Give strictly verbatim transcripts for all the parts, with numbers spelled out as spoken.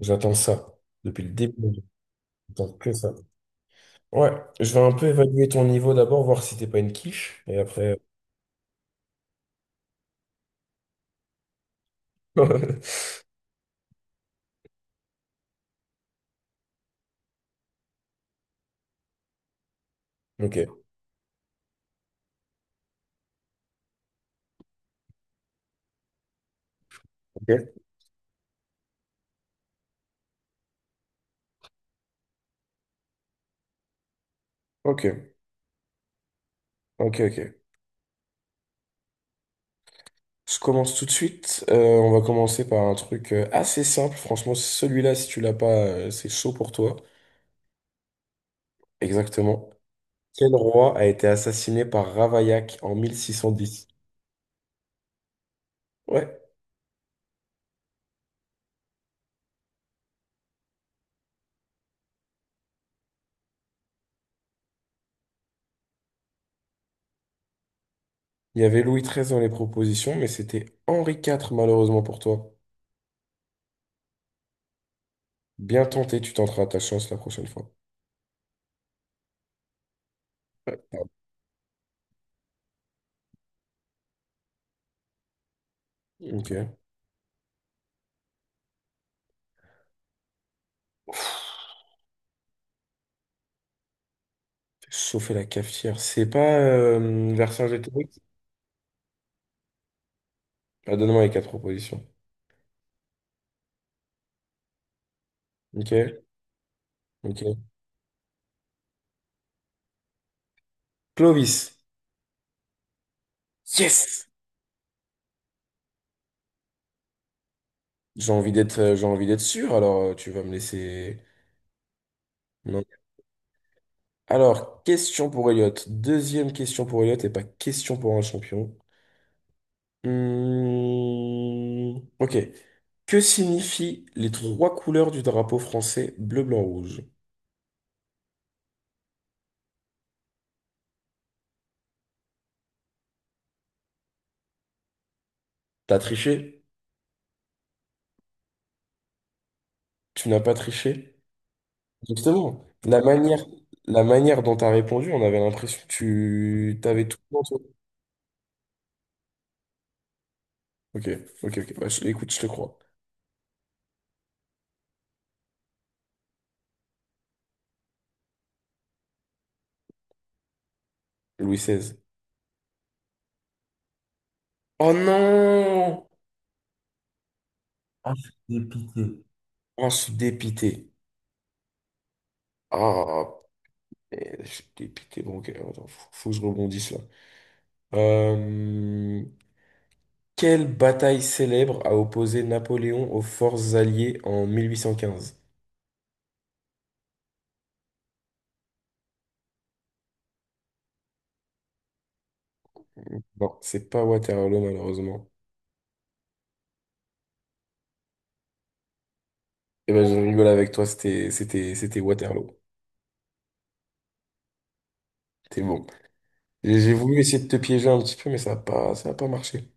J'attends ça. Depuis le début, j'attends que ça. Ouais, je vais un peu évaluer ton niveau d'abord, voir si t'es pas une quiche, et après. Ok, ok, ok, ok, ok. Je commence tout de suite. Euh, on va commencer par un truc euh, assez simple. Franchement, celui-là, si tu l'as pas, euh, c'est chaud pour toi. Exactement. Quel roi a été assassiné par Ravaillac en mille six cent dix? Ouais, il y avait Louis treize dans les propositions, mais c'était Henri quatre, malheureusement pour toi. Bien tenté, tu tenteras ta chance la prochaine fois. Ouais. Ok. Chauffer la cafetière. C'est pas euh, Vercingétorix? Ah, donne-moi les quatre propositions. Ok. Ok. Clovis. Yes! J'ai envie d'être, euh, j'ai envie d'être sûr, alors euh, tu vas me laisser. Non. Alors, question pour Elliot. Deuxième question pour Elliot et pas question pour un champion. Hmm. Ok. Que signifient les trois couleurs du drapeau français bleu, blanc, rouge? T'as triché? Tu n'as pas triché? Justement, la manière, la manière dont tu as répondu, on avait l'impression que tu t'avais tout en toi. Ok, ok, ok. Bah, je- écoute, je te crois. Louis seize. Oh non! Ah, je suis dépité. Ah, je suis dépité. Ah, punaise, je suis dépité. Bon, ok, attends, faut, faut que je rebondisse là. Euh, Quelle bataille célèbre a opposé Napoléon aux forces alliées en mille huit cent quinze? Non, c'est pas Waterloo, malheureusement. Eh ben, je rigole avec toi, c'était, c'était, c'était Waterloo. T'es bon. Et J'ai voulu essayer de te piéger un petit peu, mais ça n'a pas, ça a pas marché.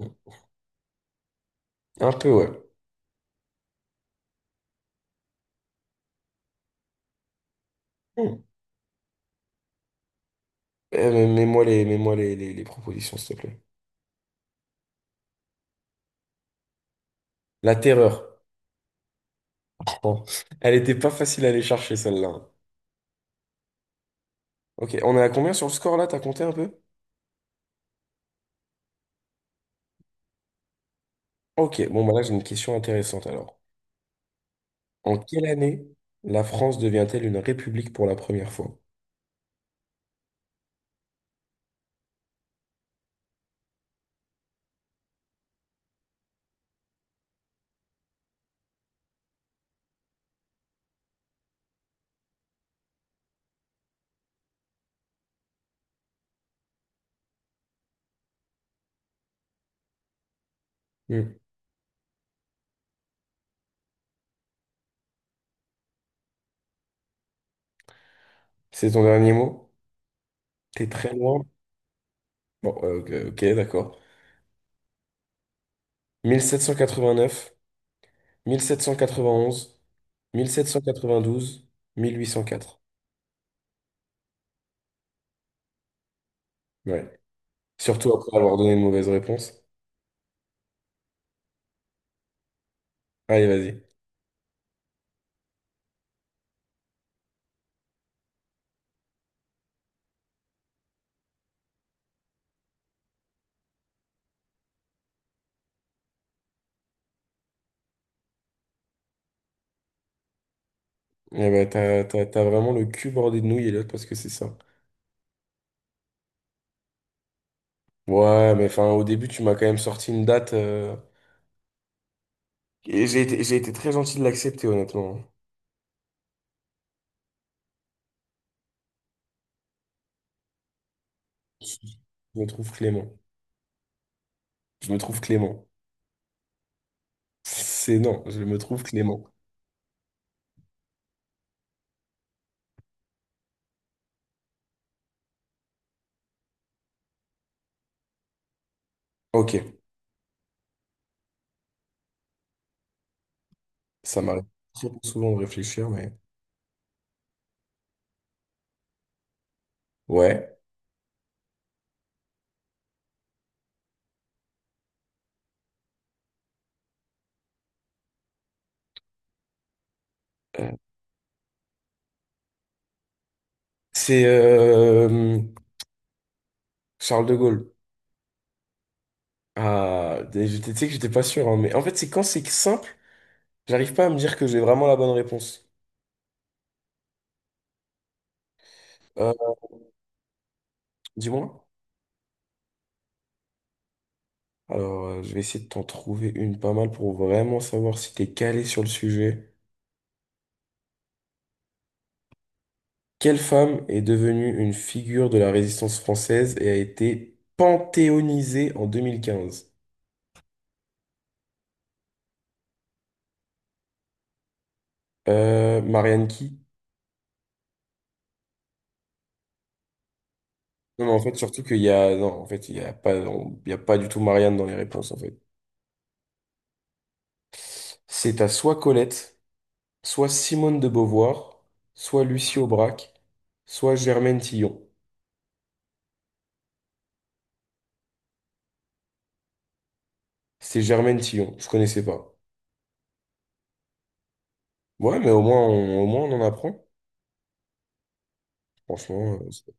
Mm. Un peu, ouais. Mm. Eh, mais Mets-moi les, mets-moi les, les, les propositions, s'il te plaît. La terreur. Bon. Elle était pas facile à aller chercher, celle-là. Ok, on est à combien sur le score, là? T'as compté un peu? Ok, bon, bah là, j'ai une question intéressante, alors. En quelle année la France devient-elle une république pour la première fois? Mm. C'est ton dernier mot? T'es très loin? Bon, euh, ok, ok, d'accord. mille sept cent quatre-vingt-neuf, mille mille mille sept sept cent cent quatre-vingt-onze, quatre-vingt-douze, mille huit cent quatre. Ouais. Surtout après avoir donné une mauvaise réponse. Allez, vas-y. Eh ben, t'as, t'as- t'as vraiment le cul bordé de nouilles, l'autre parce que c'est ça. Ouais, mais enfin, au début, tu m'as quand même sorti une date. euh, Et j'ai été, j'ai été très gentil de l'accepter, honnêtement. Je me trouve clément. Je me trouve clément. C'est non, je me trouve clément. Ok, ça m'arrive très souvent de réfléchir, mais... Ouais. Euh, C'est euh, Charles de Gaulle. Ah, et j'étais- tu sais que j'étais pas sûr, hein, mais en fait, c'est quand c'est simple, j'arrive pas à me dire que j'ai vraiment la bonne réponse. Euh, Dis-moi. Alors, euh, je vais essayer de t'en trouver une pas mal pour vraiment savoir si t'es calé sur le sujet. Quelle femme est devenue une figure de la résistance française et a été panthéonisée en deux mille quinze? Euh, Marianne qui? Non, mais en fait, surtout qu'il y a, non, en fait, il y a pas, on- il y a pas du tout Marianne dans les réponses, en fait. C'est à soit Colette, soit Simone de Beauvoir, soit Lucie Aubrac, soit Germaine Tillon. C'était Germaine Tillon, je connaissais pas. Ouais, mais au moins on, au moins on en apprend. Franchement, euh, c'est-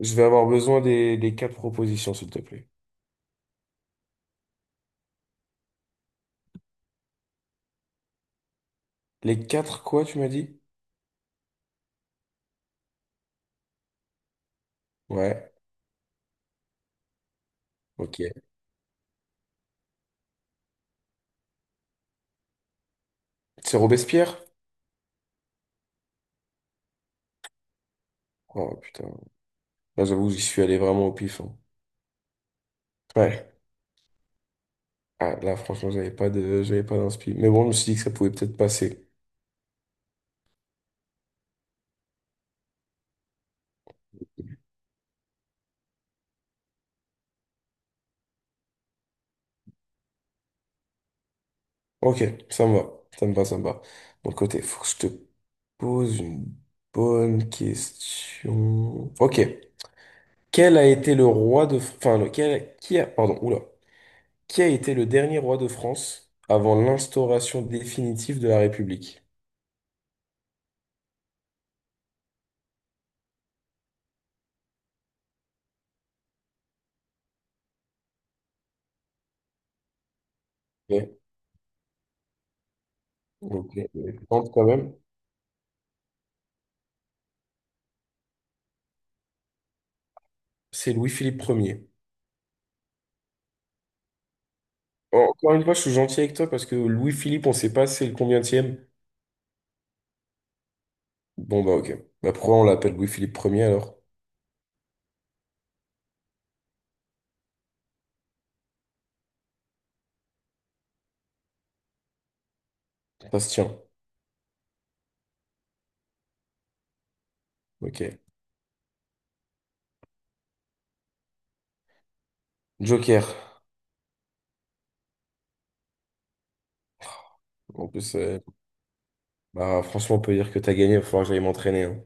je vais avoir besoin des, des quatre propositions, s'il te plaît. Les quatre quoi, tu m'as dit? Ouais, ok. C'est Robespierre? Oh putain. Là, j'avoue, j'y suis allé vraiment au pif, hein. Ouais. Ah, là, franchement, j'avais pas de, j'avais pas d'inspi. Mais bon, je me suis dit que ça pouvait peut-être passer. Ok, ça me va. Ça me va, ça me va. Bon, côté, faut que je te pose une bonne question. Ok. Quel a été le roi de... Enfin, lequel... Qui a... Pardon, oula. Qui a été le dernier roi de France avant l'instauration définitive de la République? Ok. Ok. Je pense quand même. C'est Louis-Philippe premier. Encore une fois, je suis gentil avec toi parce que Louis-Philippe, on ne sait pas c'est le combientième. Bon, bah ok. Bah, pourquoi on l'appelle Louis-Philippe premier alors? Ça se tient. Ok. Joker. En plus, euh, bah, franchement, on peut dire que t'as gagné. Il va falloir que j'aille m'entraîner, hein.